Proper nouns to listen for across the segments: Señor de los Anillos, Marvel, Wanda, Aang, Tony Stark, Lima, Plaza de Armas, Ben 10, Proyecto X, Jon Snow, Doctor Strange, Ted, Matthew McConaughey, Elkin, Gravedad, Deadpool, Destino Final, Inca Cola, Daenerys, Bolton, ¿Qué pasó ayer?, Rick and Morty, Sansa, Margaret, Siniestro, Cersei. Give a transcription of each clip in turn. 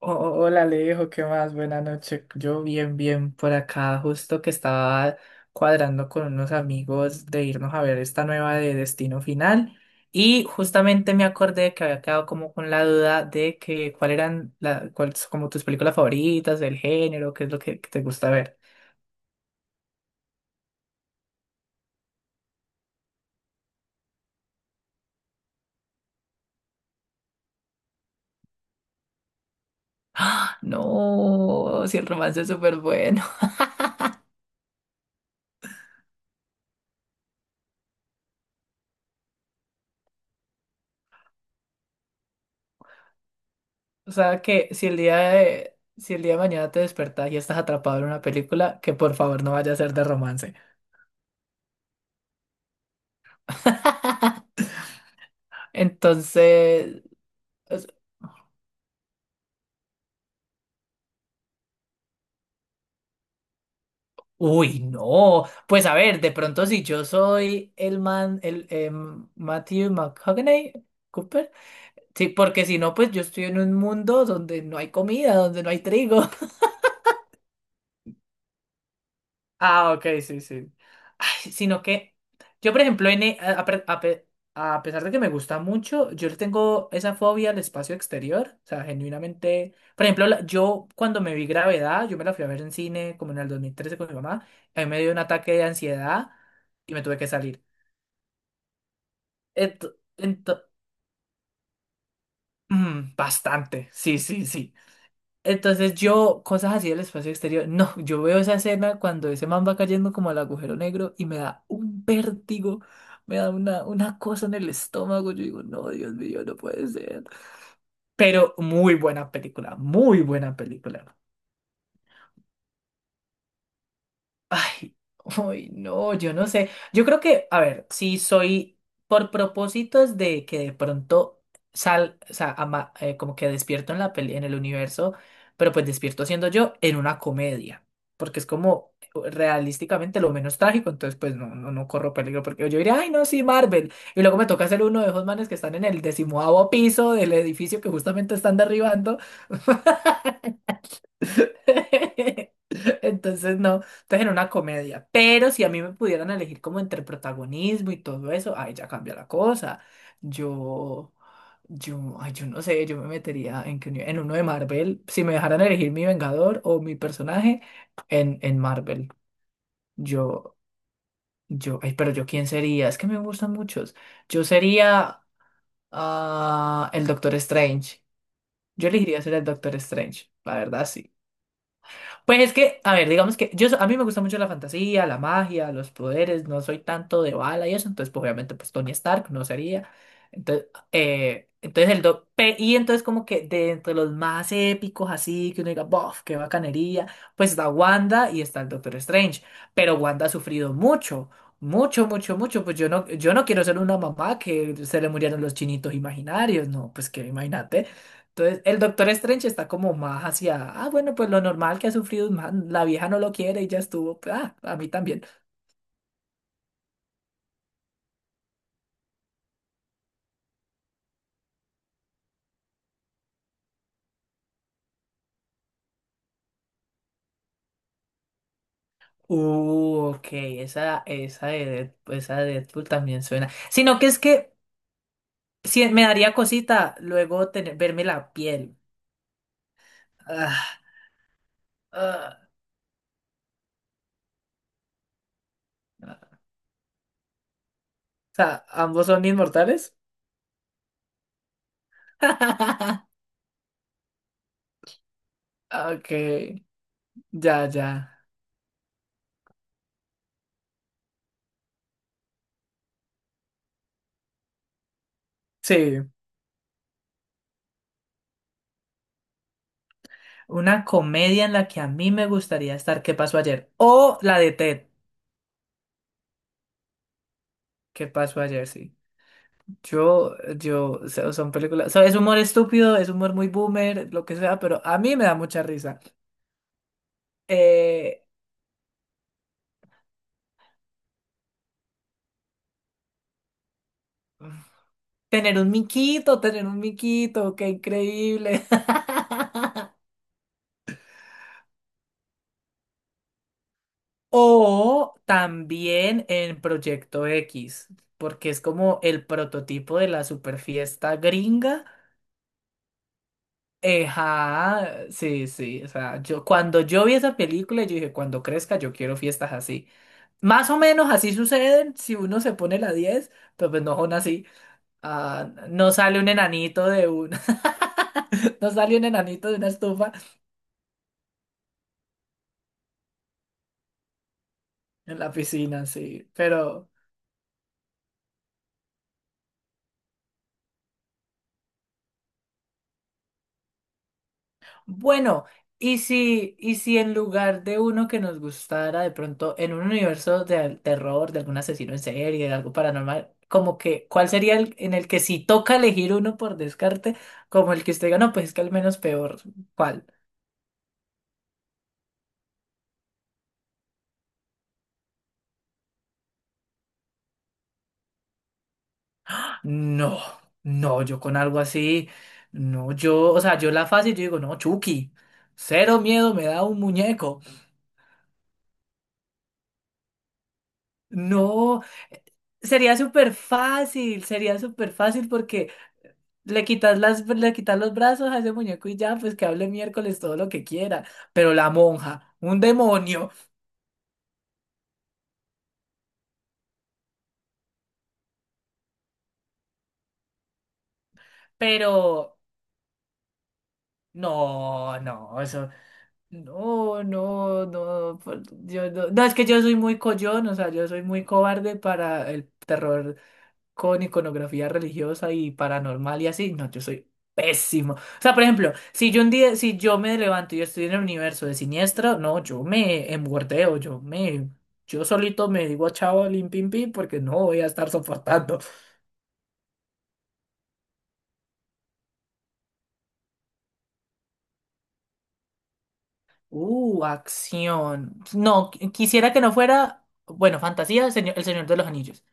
O- Hola Alejo, ¿qué más? Buenas noches. Yo bien, bien por acá, justo que estaba cuadrando con unos amigos de irnos a ver esta nueva de Destino Final y justamente me acordé que había quedado como con la duda de que cuál eran la, cuáles como tus películas favoritas, del género, qué es lo que te gusta ver. No, si el romance es súper bueno. O sea que si el día de mañana te despertas y estás atrapado en una película, que por favor no vaya a ser de romance. Entonces, es- uy, no. Pues a ver, de pronto si yo soy el man, Matthew McConaughey, Cooper. Sí, porque si no, pues yo estoy en un mundo donde no hay comida, donde no hay trigo. Ah, ok, sí, sí. Ay, sino que yo, por ejemplo, en, e- a pe- a pe- a pesar de que me gusta mucho, yo le tengo esa fobia al espacio exterior. O sea, genuinamente. Por ejemplo, yo cuando me vi Gravedad, yo me la fui a ver en cine como en el 2013 con mi mamá. A mí me dio un ataque de ansiedad y me tuve que salir. Ento- ento- Bastante. Sí, sí, sí. Entonces yo, cosas así del espacio exterior, no, yo veo esa escena cuando ese man va cayendo como al agujero negro y me da un vértigo, me da una cosa en el estómago, yo digo, no, Dios mío, no puede ser. Pero muy buena película, muy buena película. Ay, uy, no, yo no sé. Yo creo que, a ver, si soy por propósitos de que de pronto o sea, como que despierto en la peli, en el universo, pero pues despierto siendo yo en una comedia, porque es como realísticamente lo menos trágico, entonces pues no, no, no corro peligro, porque yo diría, ay, no, sí, Marvel, y luego me toca ser uno de esos manes que están en el decimoavo piso del edificio que justamente están derribando. Entonces no, entonces en una comedia. Pero si a mí me pudieran elegir como entre protagonismo y todo eso, ahí ya cambia la cosa. Yo, ay, yo no sé, yo me metería en uno de Marvel. Si me dejaran elegir mi Vengador o mi personaje en Marvel, yo, ay, pero yo quién sería, es que me gustan muchos. Yo sería el Doctor Strange. Yo elegiría ser el Doctor Strange, la verdad sí. Pues es que, a ver, digamos que a mí me gusta mucho la fantasía, la magia, los poderes, no soy tanto de bala y eso, entonces pues, obviamente pues Tony Stark no sería. Entonces, y entonces como que de entre los más épicos así, que uno diga, "Bof, qué bacanería", pues está Wanda y está el Doctor Strange, pero Wanda ha sufrido mucho, mucho, mucho, mucho, pues yo no quiero ser una mamá que se le murieron los chinitos imaginarios, no, pues que imagínate. Entonces, el Doctor Strange está como más hacia, ah, bueno, pues lo normal que ha sufrido un man, la vieja no lo quiere y ya estuvo, pues, ah, a mí también. Ok, esa, esa de Deadpool también suena. Sino que es que si me daría cosita luego tener, verme la piel. Ah, ah, ah. O sea, ambos son inmortales. Ok, ya, ya. Sí, una comedia en la que a mí me gustaría estar, ¿qué pasó ayer? O la de Ted, ¿qué pasó ayer? Sí. Yo, o sea, son películas, o sea, es humor estúpido, es humor muy boomer, lo que sea, pero a mí me da mucha risa. Eh, tener un miquito, qué increíble. O también en Proyecto X, porque es como el prototipo de la super fiesta gringa. Ajá, sí, sí, o sea, yo cuando yo vi esa película, yo dije, cuando crezca yo quiero fiestas así. Más o menos así suceden si uno se pone la 10, pero pues no son así. Ah, no sale un enanito de un... no sale un enanito de una estufa en la piscina, sí, pero. Bueno, y si en lugar de uno que nos gustara, de pronto en un universo de terror, de algún asesino en serie, de algo paranormal, como que, ¿cuál sería el en el que si toca elegir uno por descarte, como el que usted diga, no, pues es que al menos peor, ¿cuál? No, no, yo con algo así, no, yo, o sea, yo la fácil, yo digo, no, Chucky, cero miedo, me da un muñeco. No, sería súper fácil porque le quitas las, le quitas los brazos a ese muñeco y ya, pues que hable miércoles todo lo que quiera. Pero la monja, un demonio. Pero no, no, eso. No, no, no, yo no. No, es que yo soy muy coyón, o sea, yo soy muy cobarde para el terror con iconografía religiosa y paranormal y así, no, yo soy pésimo. O sea, por ejemplo, si yo un día, si yo me levanto y yo estoy en el universo de Siniestro, no, yo me engordeo, yo solito me digo chao, lim pim pim, porque no voy a estar soportando. Acción. No, quisiera que no fuera, bueno, fantasía, el Señor de los Anillos.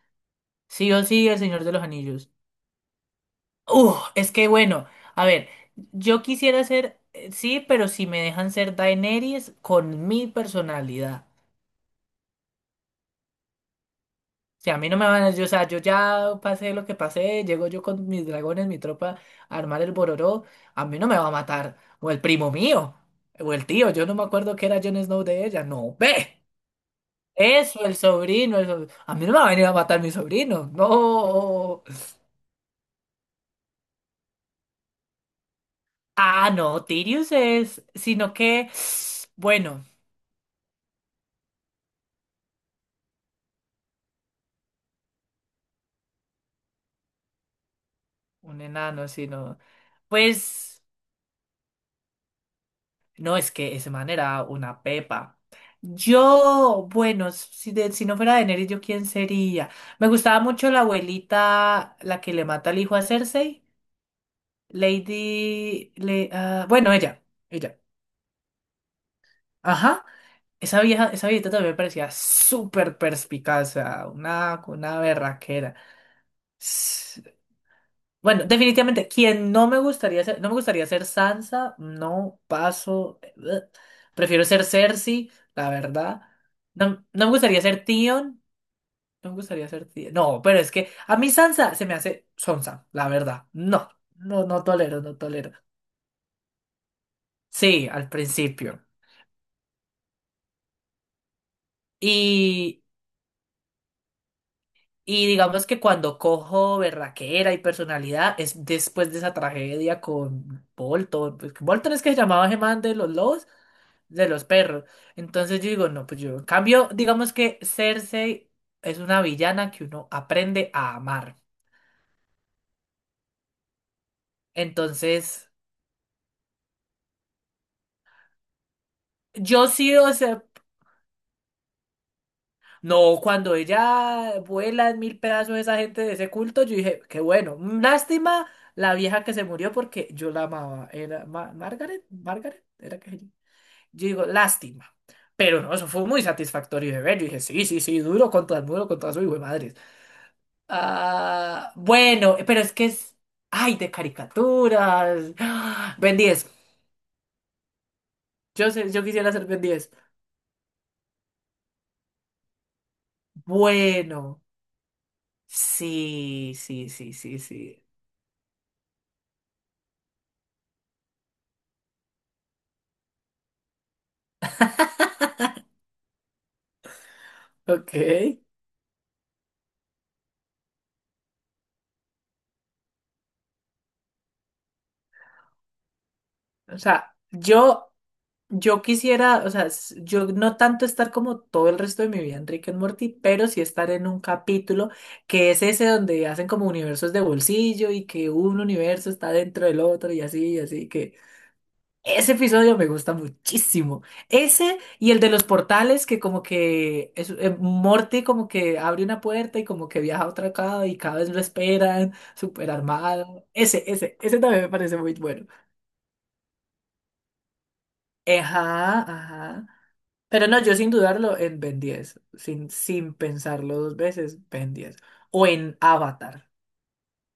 Sí o sí, el Señor de los Anillos. Uf, es que bueno, a ver, yo quisiera ser, sí, pero si me dejan ser Daenerys con mi personalidad. O sea, a mí no me van a, yo, o sea, yo ya pasé lo que pasé, llego yo con mis dragones, mi tropa, a armar el bororó, a mí no me va a matar, o el primo mío, o el tío, yo no me acuerdo que era Jon Snow de ella, no, ve, eso, el sobrino, a mí no me va a venir a matar mi sobrino, no. Ah, no, Tyrius es, sino que, bueno. Un enano, sí, no. Pues no, es que ese man era una pepa. Yo, bueno, si, si no fuera Daenerys, ¿yo quién sería? Me gustaba mucho la abuelita, la que le mata al hijo a Cersei. Ah, bueno, ella. Ella. Ajá. Esa vieja, esa viejita también me parecía súper perspicaz, o sea, una berraquera. Bueno, definitivamente, quien no me gustaría ser, no me gustaría ser Sansa, no paso. Eh, bleh. Prefiero ser Cersei, la verdad. No, no me gustaría ser Tion, no me gustaría ser Tion. No, pero es que a mí Sansa se me hace Sansa, la verdad. No, no, no tolero, no tolero. Sí, al principio. Y digamos que cuando cojo berraquera y personalidad es después de esa tragedia con Bolton, pues Bolton es que se llamaba Gemán de los lobos, de los perros. Entonces yo digo, no, pues yo. En cambio, digamos que Cersei es una villana que uno aprende a amar. Entonces, yo sí, o sea, no, cuando ella vuela en mil pedazos esa gente de ese culto, yo dije, qué bueno. Mm, lástima la vieja que se murió porque yo la amaba. Era Margaret, Margaret, era que se. Yo digo, lástima. Pero no, eso fue muy satisfactorio de ver. Yo dije, sí, sí, sí, duro contra el muro, contra su hijo de madres. Ah, bueno, pero es que es. Ay, de caricaturas. Ben 10. Yo sé, yo quisiera ser Ben 10. Bueno. Sí, sí, sí, sí, sí. Ok. O sea, yo. Yo quisiera, o sea, yo no tanto estar como todo el resto de mi vida en Rick and Morty, pero sí estar en un capítulo que es ese donde hacen como universos de bolsillo y que un universo está dentro del otro y así que ese episodio me gusta muchísimo. Ese y el de los portales que como que es, Morty como que abre una puerta y como que viaja a otra acá y cada vez lo esperan, súper armado. Ese también me parece muy bueno. Ajá, ajá. Pero no, yo sin dudarlo en Ben 10, sin, sin pensarlo dos veces, Ben 10. O en Avatar.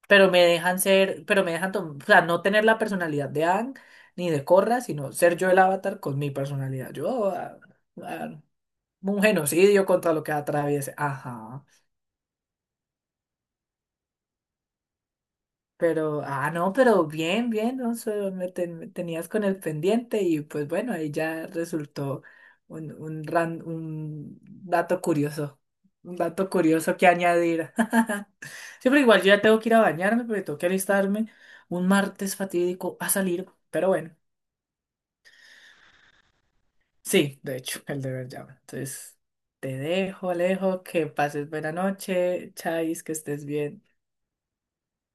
Pero me dejan ser, o sea, no tener la personalidad de Aang ni de Korra, sino ser yo el Avatar con mi personalidad. Yo, ah, un genocidio contra lo que atraviese. Ajá. Pero, no, pero bien, bien, Alonso, me, me tenías con el pendiente y pues bueno, ahí ya resultó un dato curioso, que añadir. Sí, pero igual yo ya tengo que ir a bañarme porque tengo que alistarme un martes fatídico a salir, pero bueno, sí, de hecho, el deber llama. Entonces, te dejo, Alejo, que pases buena noche, Chais, que estés bien.